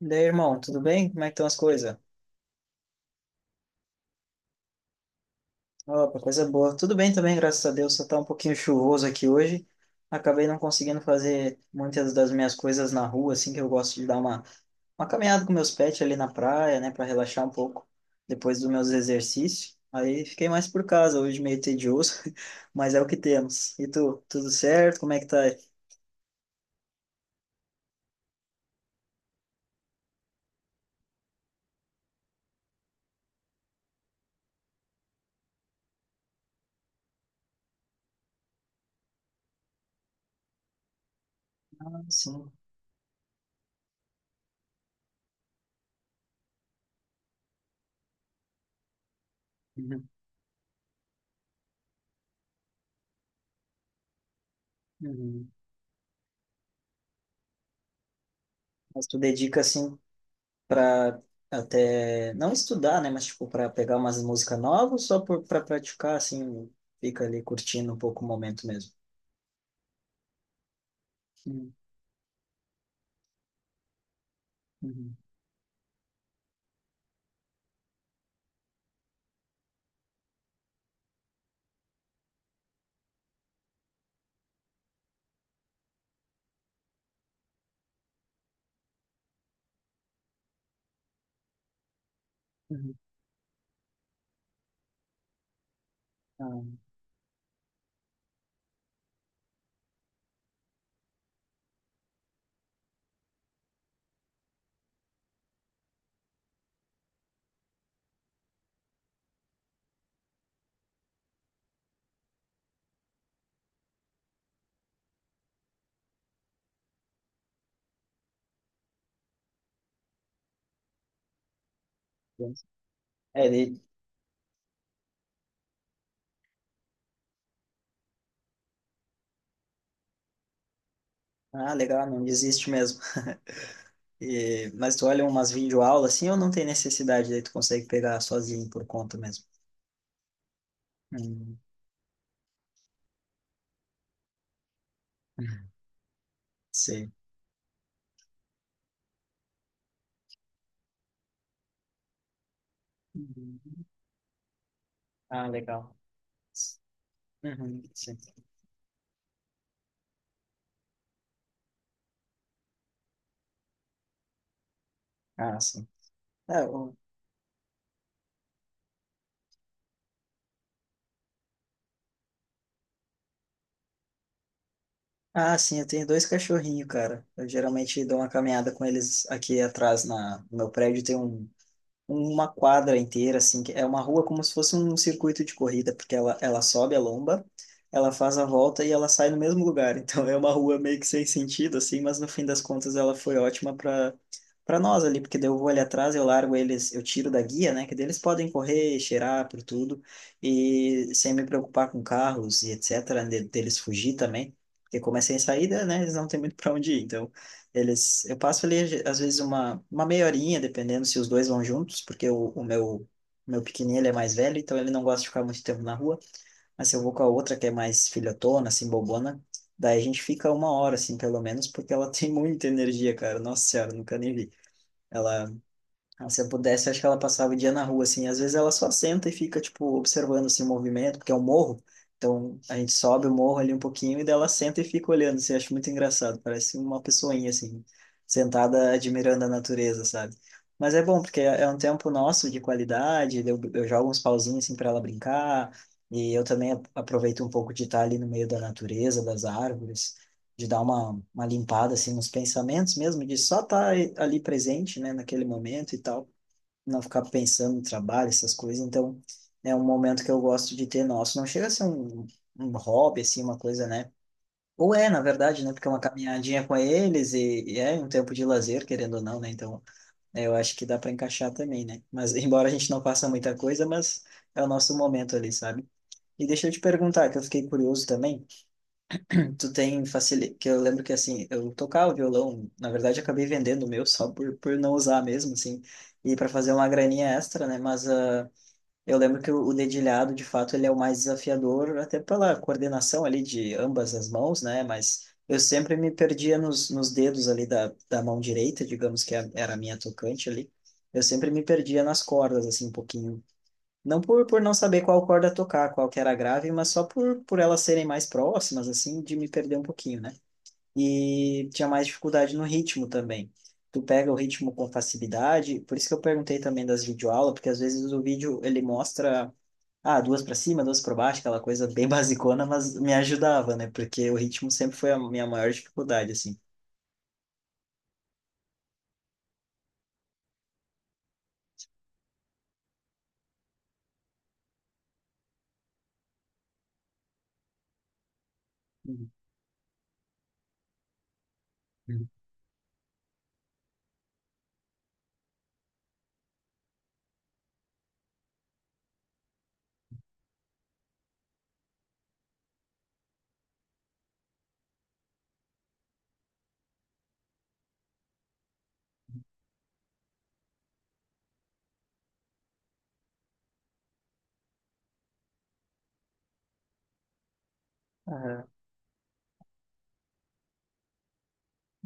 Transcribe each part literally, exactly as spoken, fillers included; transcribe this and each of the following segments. E daí, irmão, tudo bem? Como é que estão as coisas? Opa, coisa boa. Tudo bem também, graças a Deus. Só tá um pouquinho chuvoso aqui hoje. Acabei não conseguindo fazer muitas das minhas coisas na rua, assim, que eu gosto de dar uma, uma caminhada com meus pets ali na praia, né, para relaxar um pouco depois dos meus exercícios. Aí fiquei mais por casa, hoje meio tedioso, mas é o que temos. E tu, tudo certo? Como é que tá aí? Ah, sim. Uhum. Uhum. Mas tu dedica, assim, para até não estudar, né, mas tipo para pegar umas músicas novas, só por para praticar assim, fica ali curtindo um pouco o momento mesmo. Uhum, uhum, uhum. Ah, bom. é, ele... ah, legal, não desiste mesmo. E... Mas tu olha umas videoaulas assim, ou não tem necessidade, daí tu consegue pegar sozinho por conta mesmo. Hum, Sim. Uhum. Ah, legal. Uhum, sim. Ah, sim. É, o- Ah, sim, eu tenho dois cachorrinhos, cara. Eu geralmente dou uma caminhada com eles aqui atrás na... no meu prédio. Tem um uma quadra inteira, assim, que é uma rua como se fosse um circuito de corrida, porque ela, ela sobe a lomba, ela faz a volta e ela sai no mesmo lugar. Então é uma rua meio que sem sentido, assim, mas no fim das contas ela foi ótima para para nós ali, porque daí eu vou ali atrás, eu largo eles, eu tiro da guia, né, que daí eles podem correr, cheirar por tudo, e sem me preocupar com carros e etc, de- deles fugir também. Porque como é sem saída, né, eles não têm muito para onde ir, então eles, eu passo ali, às vezes, uma, uma meia horinha, dependendo se os dois vão juntos, porque o, o meu, meu pequenininho, ele é mais velho, então ele não gosta de ficar muito tempo na rua. Mas se eu vou com a outra, que é mais filhotona, assim, bobona, daí a gente fica uma hora, assim, pelo menos, porque ela tem muita energia, cara. Nossa senhora, nunca nem vi. Ela ah, Se eu pudesse, acho que ela passava o dia na rua, assim. Às vezes ela só senta e fica, tipo, observando, assim, o movimento, porque é um morro. Então, a gente sobe o morro ali um pouquinho e daí ela senta e fica olhando, assim. Acho muito engraçado. Parece uma pessoinha, assim, sentada admirando a natureza, sabe? Mas é bom, porque é é um tempo nosso de qualidade. Eu, eu jogo uns pauzinhos, assim, para ela brincar. E eu também a- aproveito um pouco de estar ali no meio da natureza, das árvores, de dar uma, uma limpada, assim, nos pensamentos mesmo, de só estar ali presente, né, naquele momento e tal não ficar pensando no trabalho, essas coisas. Então, é um momento que eu gosto de ter nosso. Não chega a ser um, um hobby, assim, uma coisa, né? Ou é, na verdade, né? Porque é uma caminhadinha com eles e, e é um tempo de lazer, querendo ou não, né? Então, é, eu acho que dá para encaixar também, né? Mas, embora a gente não faça muita coisa, mas é o nosso momento ali, sabe? E deixa eu te perguntar, que eu fiquei curioso também. Tu tem facilidade, que eu lembro que assim, eu tocava violão, na verdade eu acabei vendendo o meu só por, por não usar mesmo, assim, e para fazer uma graninha extra, né? Mas ah, eu lembro que o o dedilhado, de fato, ele é o mais desafiador, até pela coordenação ali de ambas as mãos, né? Mas eu sempre me perdia nos, nos dedos ali da, da mão direita, digamos que a- era a minha tocante ali. Eu sempre me perdia nas cordas, assim, um pouquinho. Não por, por não saber qual corda tocar, qual que era a grave, mas só por, por elas serem mais próximas, assim, de me perder um pouquinho, né? E tinha mais dificuldade no ritmo também. Tu pega o ritmo com facilidade, por isso que eu perguntei também das videoaulas, porque às vezes o vídeo ele mostra ah, duas pra cima, duas pra baixo, aquela coisa bem basicona, mas me ajudava, né? Porque o ritmo sempre foi a minha maior dificuldade, assim. Uhum, uhum,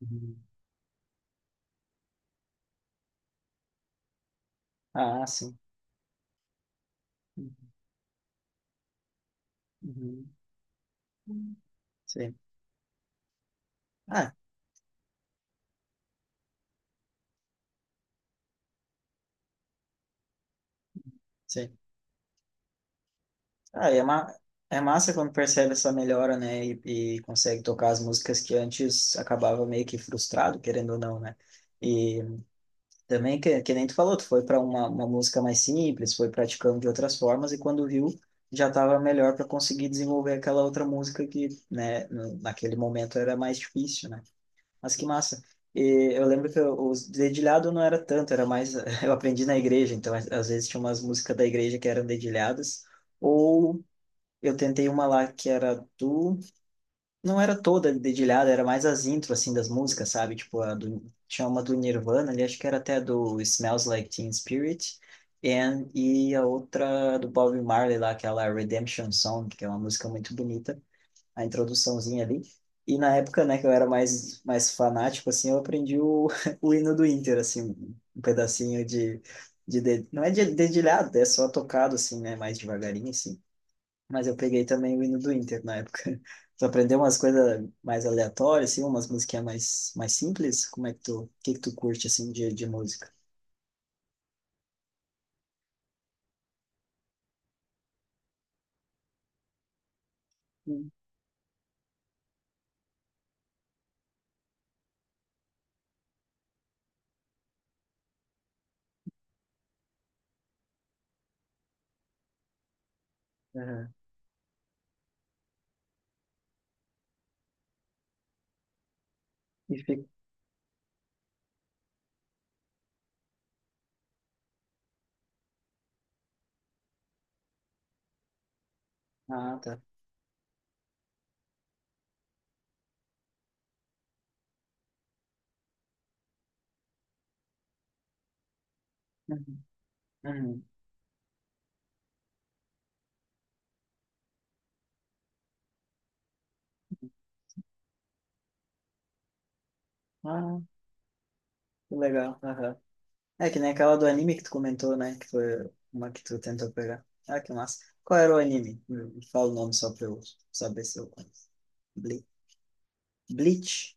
uhum, Ah, sim. Uhum, uhum. Sim. Ah, sim. Ah, e é, ma é massa quando percebe essa melhora, né? E, e consegue tocar as músicas que antes acabava meio que frustrado, querendo ou não, né? E também, que, que nem tu falou, tu foi para uma, uma música mais simples, foi praticando de outras formas, e quando viu, já estava melhor para conseguir desenvolver aquela outra música que, né, no- naquele momento era mais difícil, né? Mas que massa. E eu lembro que eu- os dedilhado não era tanto, era mais. Eu aprendi na igreja, então às às vezes tinha umas músicas da igreja que eram dedilhadas, ou eu tentei uma lá que era do não era toda dedilhada, era mais as intros, assim, das músicas, sabe? Tipo, a do, tinha uma do Nirvana ali, acho que era até do Smells Like Teen Spirit, and, e a outra do Bob Marley lá, aquela Redemption Song, que é uma música muito bonita, a introduçãozinha ali. E na época, né, que eu era mais, mais fanático, assim, eu aprendi o, o hino do Inter, assim, um pedacinho de... de, de não é de dedilhado, é só tocado, assim, né, mais devagarinho, assim, mas eu peguei também o hino do Inter na época. Tu aprendeu umas coisas mais aleatórias, assim, umas musiquinhas mais, mais simples? Como é que tu, o que que tu curte, assim, de, de música? Hum, aham. E fica... Ah, tá. Uhum. Uhum. Ah, que legal. Aham. É que nem aquela do anime que tu comentou, né? Que foi uma que tu tentou pegar. Ah, que massa. Qual era o anime? Hum, Fala o nome só pra eu saber se eu conheço. Ble- Bleach?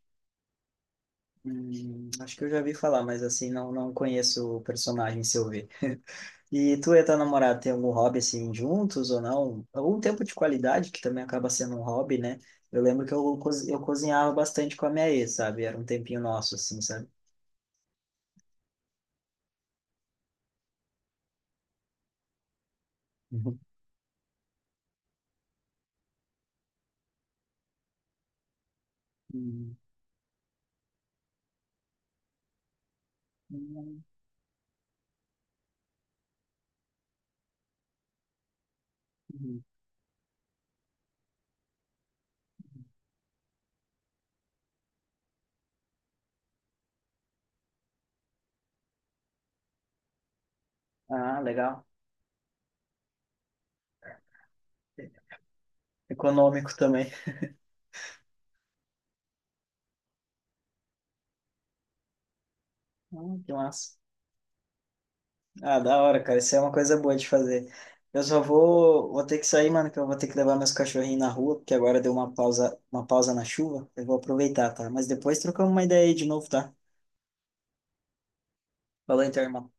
Hum, acho que eu já vi falar, mas assim, não, não conheço o personagem se eu ver. E tu e a tua namorada tem algum hobby assim juntos ou não? Algum tempo de qualidade que também acaba sendo um hobby, né? Eu lembro que eu, co- eu cozinhava bastante com a minha ex, sabe? Era um tempinho nosso, assim, sabe? Uhum. Uhum. Uhum. Ah, legal. Econômico também. Ah, que massa. Ah, da hora, cara. Isso é uma coisa boa de fazer. Eu só vou, vou ter que sair, mano, que eu vou ter que levar meus cachorrinhos na rua, porque agora deu uma pausa, uma pausa na chuva. Eu vou aproveitar, tá? Mas depois trocamos uma ideia aí de novo, tá? Falou então, irmão.